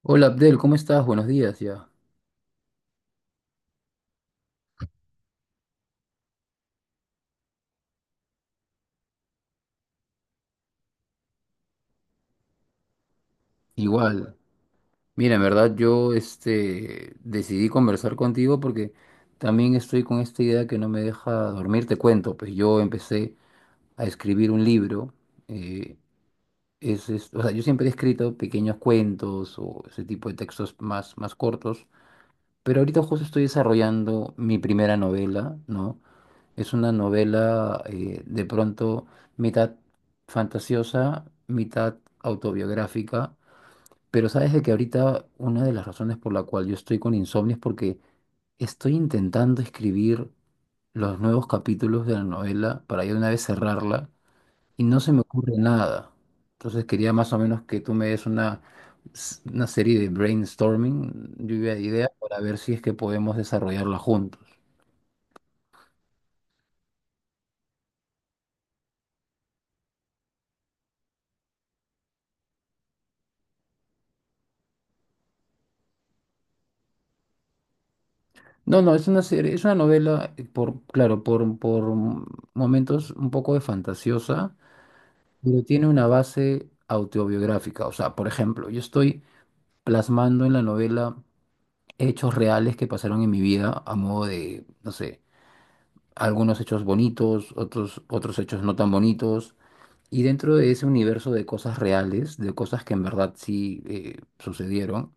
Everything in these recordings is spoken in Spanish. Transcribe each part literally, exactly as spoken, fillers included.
Hola Abdel, ¿cómo estás? Buenos días ya. Igual. Mira, en verdad yo este, decidí conversar contigo porque también estoy con esta idea que no me deja dormir. Te cuento, pues yo empecé a escribir un libro. eh, es, es- o sea, yo siempre he escrito pequeños cuentos o ese tipo de textos más, más cortos, pero ahorita justo estoy desarrollando mi primera novela, ¿no? Es una novela eh, de pronto mitad fantasiosa, mitad autobiográfica. Pero sabes de que ahorita una de las razones por la cual yo estoy con insomnio es porque estoy intentando escribir los nuevos capítulos de la novela para ya de una vez cerrarla y no se me ocurre nada. Entonces quería más o menos que tú me des una, s- una serie de brainstorming, lluvia de ideas, para ver si es que podemos desarrollarla juntos. No, no, es una serie, es una novela, eh, por, claro, por, por momentos un poco de fantasiosa, pero tiene una base autobiográfica. O sea, por ejemplo, yo estoy plasmando en la novela hechos reales que pasaron en mi vida a modo de, no sé, algunos hechos bonitos, otros, otros hechos no tan bonitos. Y dentro de ese universo de cosas reales, de cosas que en verdad sí eh, sucedieron,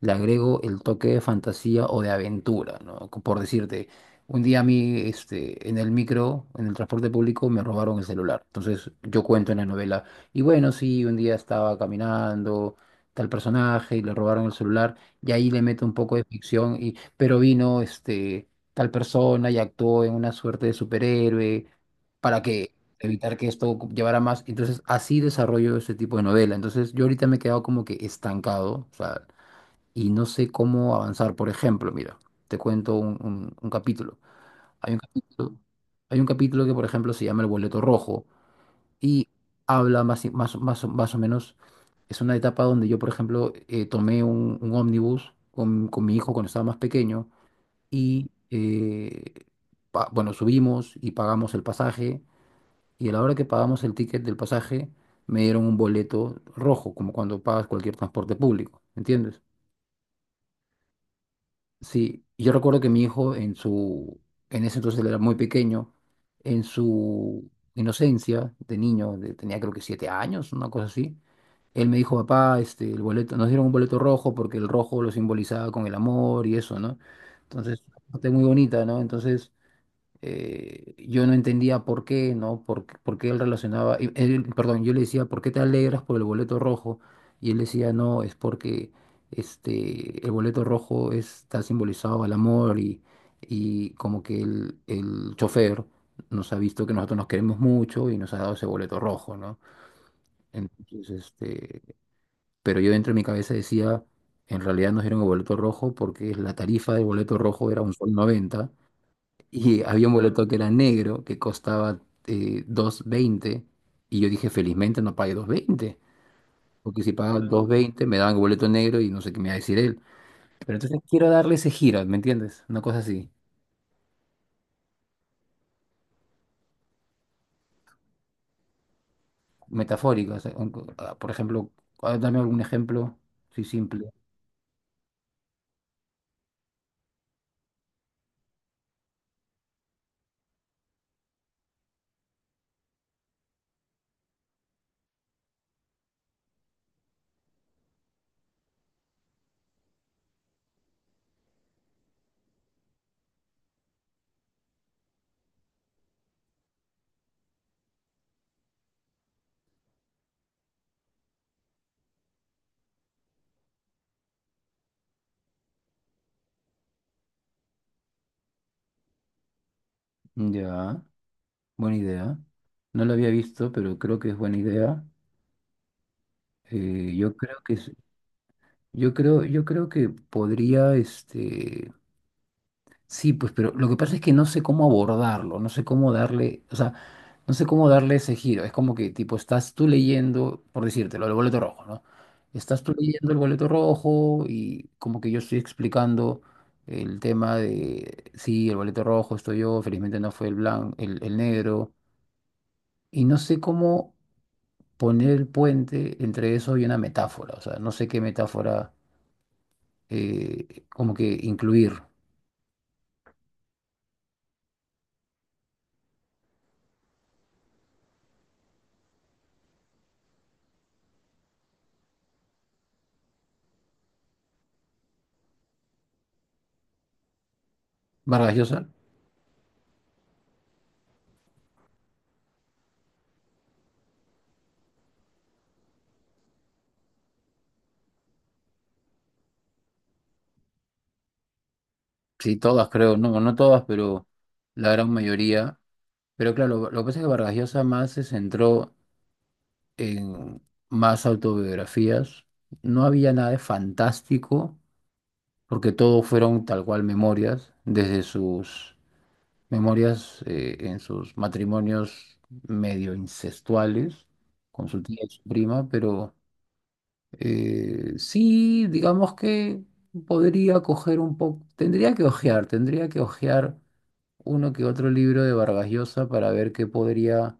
le agrego el toque de fantasía o de aventura, ¿no? Co- Por decirte, un día a mí, este, en el micro, en el transporte público, me robaron el celular. Entonces yo cuento en la novela, y bueno, sí, un día estaba caminando tal personaje y le robaron el celular, y ahí le meto un poco de ficción, y, pero vino, este, tal persona y actuó en una suerte de superhéroe para que evitar que esto llevara más. Entonces, así desarrollo este tipo de novela. Entonces, yo ahorita me he quedado como que estancado. O sea, y no sé cómo avanzar. Por ejemplo, mira, te cuento un, un- un capítulo. Hay un capítulo, hay un capítulo que, por ejemplo, se llama El Boleto Rojo y habla más, y- más, más, o- más o menos, es una etapa donde yo, por ejemplo, eh, tomé un, un ómnibus con, con mi hijo cuando estaba más pequeño y, eh, pa- bueno, subimos y pagamos el pasaje, y a la hora que pagamos el ticket del pasaje me dieron un boleto rojo, como cuando pagas cualquier transporte público, ¿entiendes? Sí, yo recuerdo que mi hijo en su, en ese entonces él era muy pequeño, en su inocencia de niño, de- tenía creo que siete años, una cosa así. Él me dijo, papá, este, el boleto, nos dieron un boleto rojo porque el rojo lo simbolizaba con el amor y eso, ¿no? Entonces, parte muy bonita, ¿no? Entonces, eh, yo no entendía por qué, ¿no? Por, qué ¿por qué él relacionaba? Y él- perdón, yo le decía, ¿por qué te alegras por el boleto rojo? Y él decía, no, es porque este, el boleto rojo está simbolizado al amor, y, y como que el, el chofer nos ha visto que nosotros nos queremos mucho y nos ha dado ese boleto rojo, ¿no? Entonces, este, pero yo dentro de mi cabeza decía, en realidad nos dieron el boleto rojo porque la tarifa del boleto rojo era un sol noventa y había un boleto que era negro, que costaba eh, dos veinte. Y yo dije, felizmente no pagué dos veinte, porque si pagaba, claro, dos veinte me daban el boleto negro y no sé qué me iba a decir él. Pero entonces quiero darle ese giro, ¿me entiendes? Una cosa así, metafórica. O sea, un- ah, por ejemplo, ah, dame algún ejemplo, sí, simple. Ya, buena idea. No lo había visto, pero creo que es buena idea. Eh, yo creo que es- yo creo, yo creo que podría, este, sí, pues, pero lo que pasa es que no sé cómo abordarlo, no sé cómo darle, o sea, no sé cómo darle ese giro. Es como que, tipo, estás tú leyendo, por decírtelo, el boleto rojo, ¿no? Estás tú leyendo el boleto rojo y como que yo estoy explicando el tema de, sí, el boleto rojo estoy yo, felizmente no fue el blanco, el, el negro, y no sé cómo poner el puente entre eso y una metáfora, o sea, no sé qué metáfora eh, como que incluir. Vargas Llosa. Sí, todas creo, no, no todas, pero la gran mayoría. Pero claro, lo, lo que pasa es que Vargas Llosa más se centró en más autobiografías. No había nada de fantástico, porque todo fueron tal cual memorias, desde sus memorias eh, en sus matrimonios medio incestuales con su tía y su prima, pero eh, sí, digamos que podría coger un poco, tendría que ojear, tendría que ojear uno que otro libro de Vargas Llosa para ver qué podría,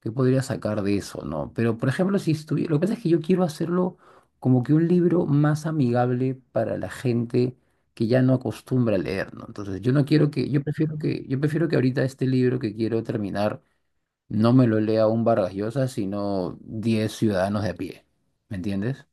qué podría sacar de eso, ¿no? Pero, por ejemplo, si estuviera, lo que pasa es que yo quiero hacerlo como que un libro más amigable para la gente que ya no acostumbra a leer, ¿no? Entonces, yo no quiero que, yo prefiero que, yo prefiero que ahorita este libro que quiero terminar no me lo lea un Vargas Llosa, sino diez ciudadanos de a pie, ¿me entiendes?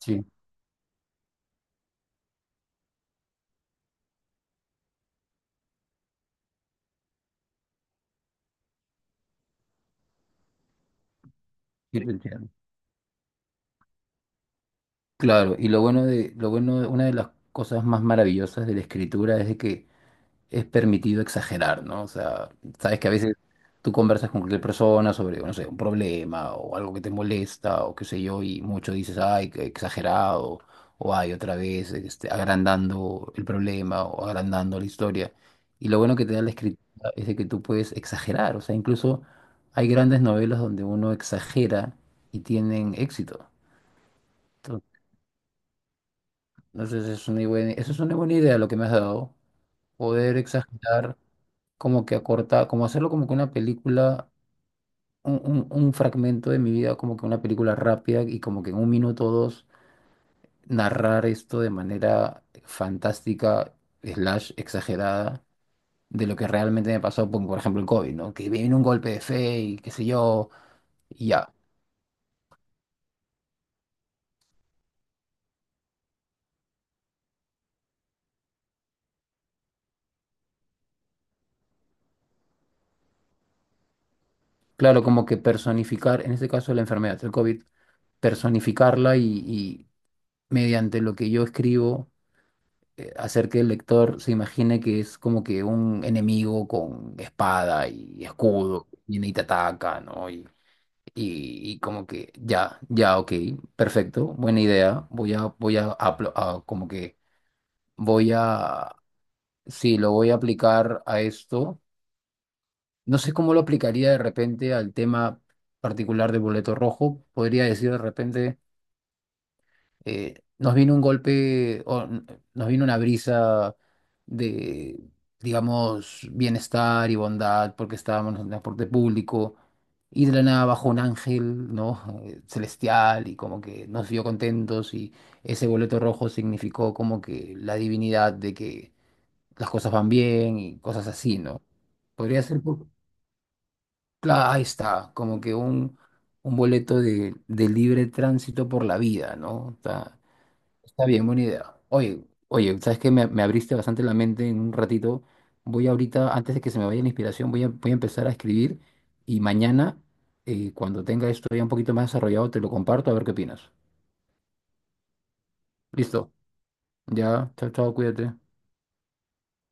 Sí, sí te entiendo. Claro, y lo bueno de, lo bueno, una de las cosas más maravillosas de la escritura es de que es permitido exagerar, ¿no? O sea, sabes que a veces tú conversas con cualquier persona sobre, no sé, un problema o algo que te molesta o qué sé yo, y mucho dices, ay, qué exagerado, o ay, otra vez, este, agrandando el problema o agrandando la historia. Y lo bueno que te da la escritura es de que tú puedes exagerar, o sea, incluso hay grandes novelas donde uno exagera y tienen éxito. Entonces, es una buena, eso es una buena idea lo que me has dado, poder exagerar, como que acortar, como hacerlo como que una película, un, un- un fragmento de mi vida, como que una película rápida y como que en un minuto o dos narrar esto de manera fantástica, slash exagerada, de lo que realmente me pasó, como por ejemplo el COVID, ¿no? Que viene un golpe de fe y qué sé yo, y ya. Claro, como que personificar, en este caso la enfermedad, el COVID, personificarla y y mediante lo que yo escribo eh, hacer que el lector se imagine que es como que un enemigo con espada y escudo, viene y te ataca, ¿no? Y, y, y como que ya, ya, ok, perfecto, buena idea, voy a, voy a, apl- a- como que voy a, sí, lo voy a aplicar a esto. No sé cómo lo aplicaría de repente al tema particular del boleto rojo, podría decir de repente, eh, nos vino un golpe, o n- nos vino una brisa de, digamos, bienestar y bondad, porque estábamos en el transporte público, y de la nada bajó un ángel, ¿no? Eh, celestial, y como que nos vio contentos, y ese boleto rojo significó como que la divinidad de que las cosas van bien y cosas así, ¿no? Podría ser, por- claro, ahí está, como que un, un, boleto de, de libre tránsito por la vida, ¿no? Está- Está bien, buena idea. Oye, oye, sabes que me, me abriste bastante la mente en un ratito. Voy ahorita, antes de que se me vaya la inspiración, voy a, voy a empezar a escribir y mañana, eh, cuando tenga esto ya un poquito más desarrollado, te lo comparto a ver qué opinas. Listo. Ya, chao, chao, cuídate.